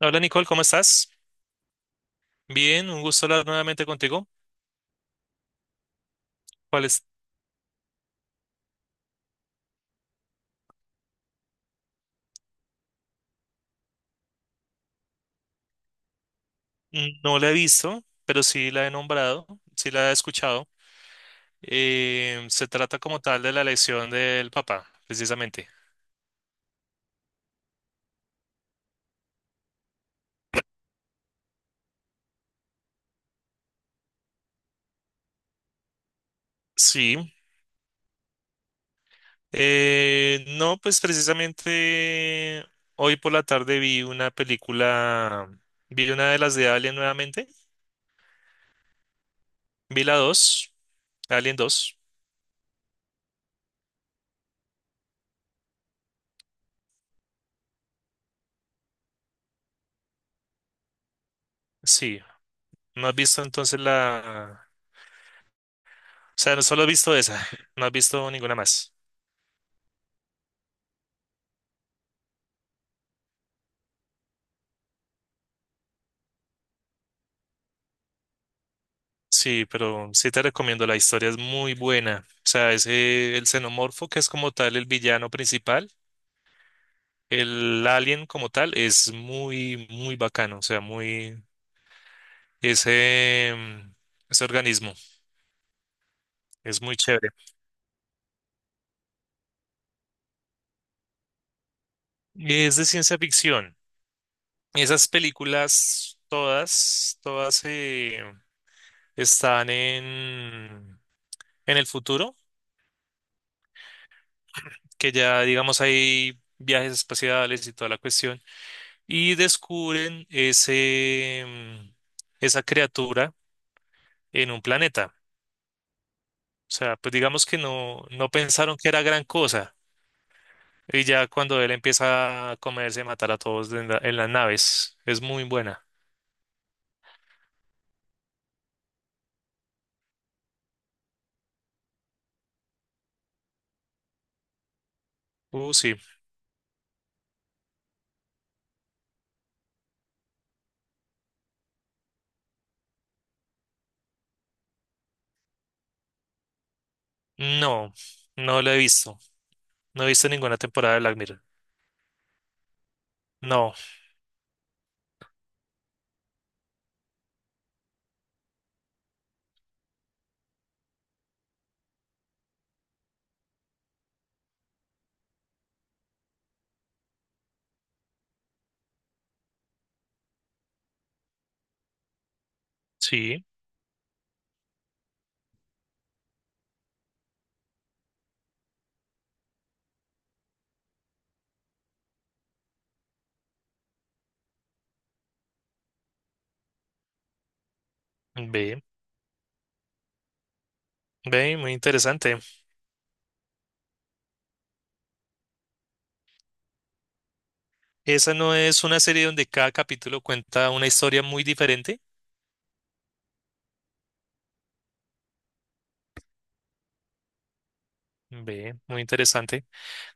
Hola Nicole, ¿cómo estás? Bien, un gusto hablar nuevamente contigo. ¿Cuál es? No la he visto, pero sí la he nombrado, sí la he escuchado. Se trata como tal de la elección del Papa, precisamente. Sí. No, pues precisamente hoy por la tarde vi una película, vi una de las de Alien nuevamente, vi la 2, Alien 2. Sí. ¿No has visto entonces la... O sea, no solo has visto esa, no has visto ninguna más. Sí, pero sí te recomiendo, la historia es muy buena. O sea, ese, el xenomorfo, que es como tal el villano principal, el alien como tal, es muy, muy bacano. O sea, muy, ese, ese organismo es muy chévere. Y es de ciencia ficción. Esas películas, todas, todas, están en el futuro, que ya, digamos, hay viajes espaciales y toda la cuestión. Y descubren ese, esa criatura en un planeta. O sea, pues digamos que no, no pensaron que era gran cosa. Y ya cuando él empieza a comerse, a matar a todos en, en las naves, es muy buena. Sí. No, no la he visto. No he visto ninguna temporada de Black Mirror. No, sí, ve, ve, muy interesante. Esa no es una serie donde cada capítulo cuenta una historia muy diferente. Ve, muy interesante.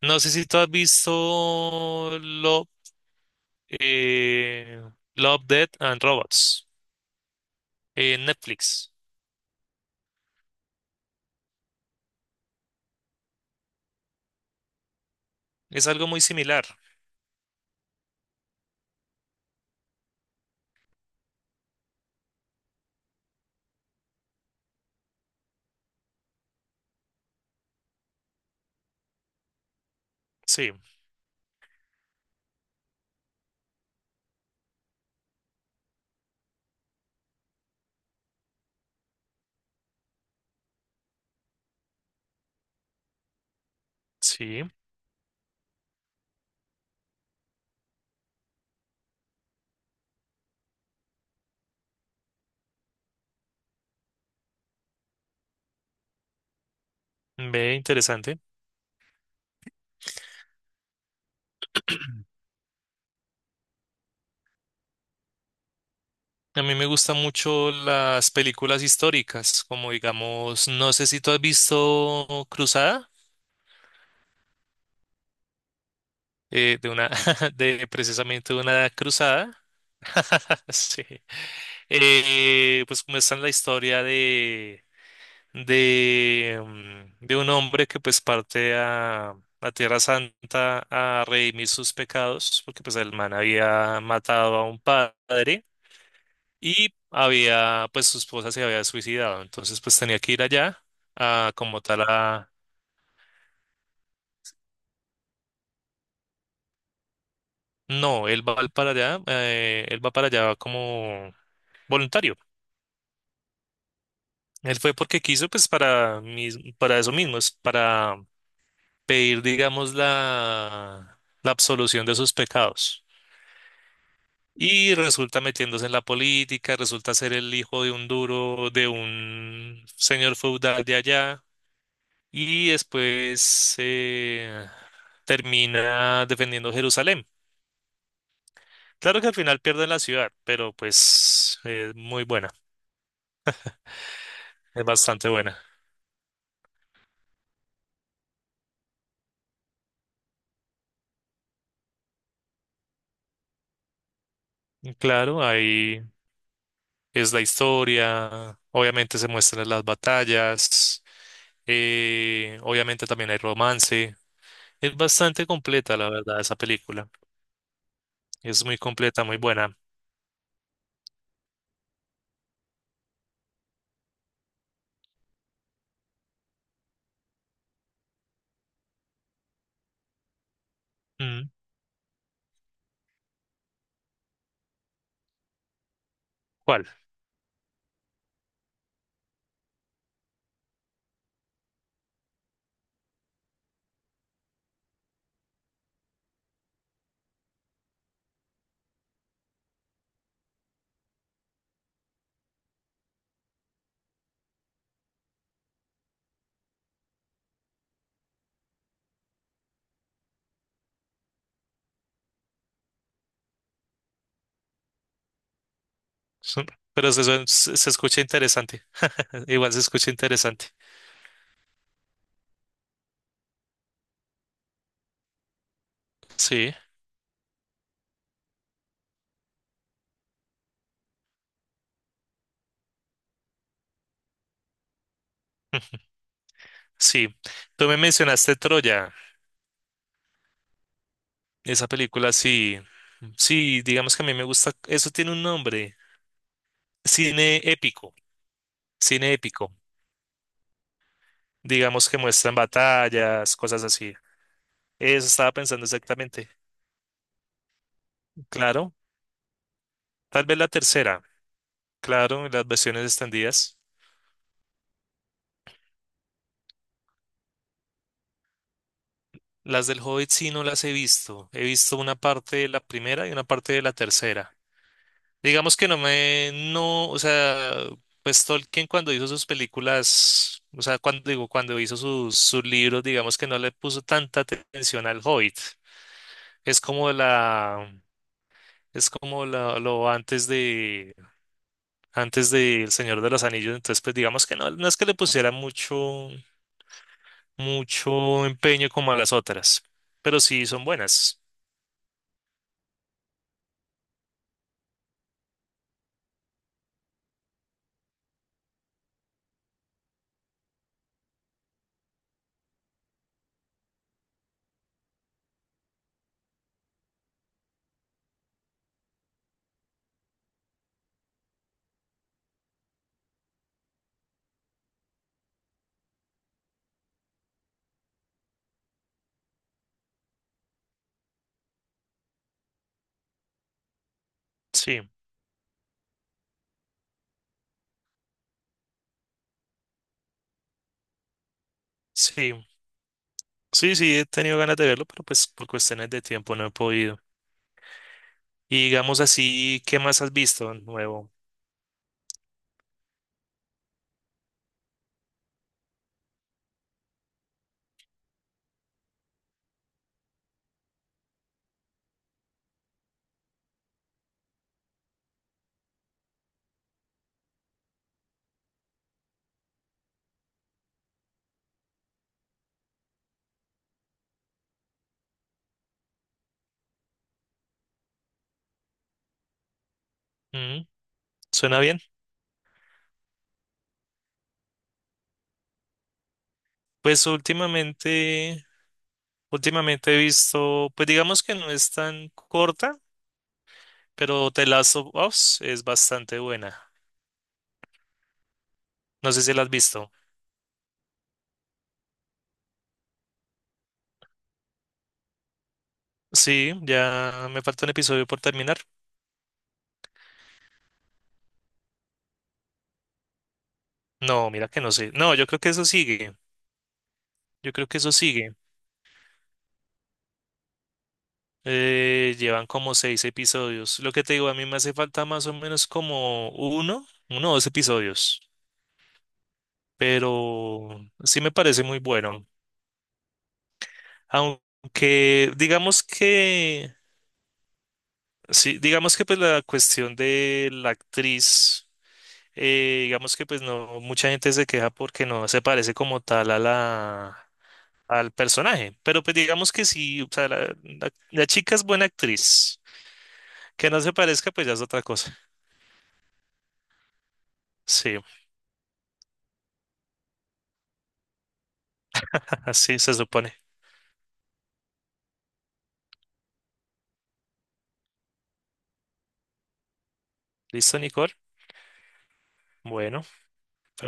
No sé si tú has visto Love, eh, Love, Death and Robots en Netflix. Es algo muy similar. Sí, sí, ve interesante. A mí me gustan mucho las películas históricas, como digamos, no sé si tú has visto Cruzada, de una, de precisamente una cruzada. Sí. Pues como está la historia de de, de un hombre que pues parte a la Tierra Santa a redimir sus pecados, porque pues el man había matado a un padre y había, pues su esposa se había suicidado, entonces pues tenía que ir allá a como tal a... No, para allá, él va para allá como voluntario. Él fue porque quiso, pues para eso mismo, es para pedir, digamos, la absolución de sus pecados. Y resulta metiéndose en la política, resulta ser el hijo de un duro, de un señor feudal de allá, y después termina defendiendo Jerusalén. Claro que al final pierden la ciudad, pero pues es muy buena, es bastante buena. Y claro, ahí es la historia, obviamente se muestran las batallas, obviamente también hay romance. Es bastante completa, la verdad, esa película. Es muy completa, muy buena. Mm, ¿cuál? Son- Pero se, se escucha interesante. Igual se escucha interesante. Sí, sí. Tú me mencionaste Troya. Esa película, sí. Sí, digamos que a mí me gusta. Eso tiene un nombre. Cine épico. Cine épico. Digamos que muestran batallas, cosas así. Eso estaba pensando exactamente. Claro. Tal vez la tercera. Claro, las versiones extendidas. Las del Hobbit sí no las he visto. He visto una parte de la primera y una parte de la tercera. Digamos que no me, no, o sea, pues Tolkien cuando hizo sus películas, o sea, cuando digo, cuando hizo sus, sus libros, digamos que no le puso tanta atención al Hobbit. Es como la, es como la, lo antes de El Señor de los Anillos. Entonces, pues digamos que no, no es que le pusiera mucho, mucho empeño como a las otras, pero sí son buenas. Sí, sí, sí, he tenido ganas de verlo, pero pues por cuestiones de tiempo no he podido. Y digamos así, ¿qué más has visto nuevo? Mm, ¿suena bien? Pues últimamente, últimamente he visto, pues digamos que no es tan corta, pero The Last of Us es bastante buena. No sé si la has visto. Sí, ya me falta un episodio por terminar. No, mira que no sé. No, yo creo que eso sigue. Yo creo que eso sigue. Llevan como seis episodios. Lo que te digo, a mí me hace falta más o menos como uno, uno o dos episodios. Pero sí me parece muy bueno. Aunque digamos que, sí, digamos que pues la cuestión de la actriz, digamos que pues no, mucha gente se queja porque no se parece como tal a la, al personaje, pero pues digamos que sí, o sea, la chica es buena actriz, que no se parezca pues ya es otra cosa. Sí, así se supone. ¿Listo, Nicole? Bueno.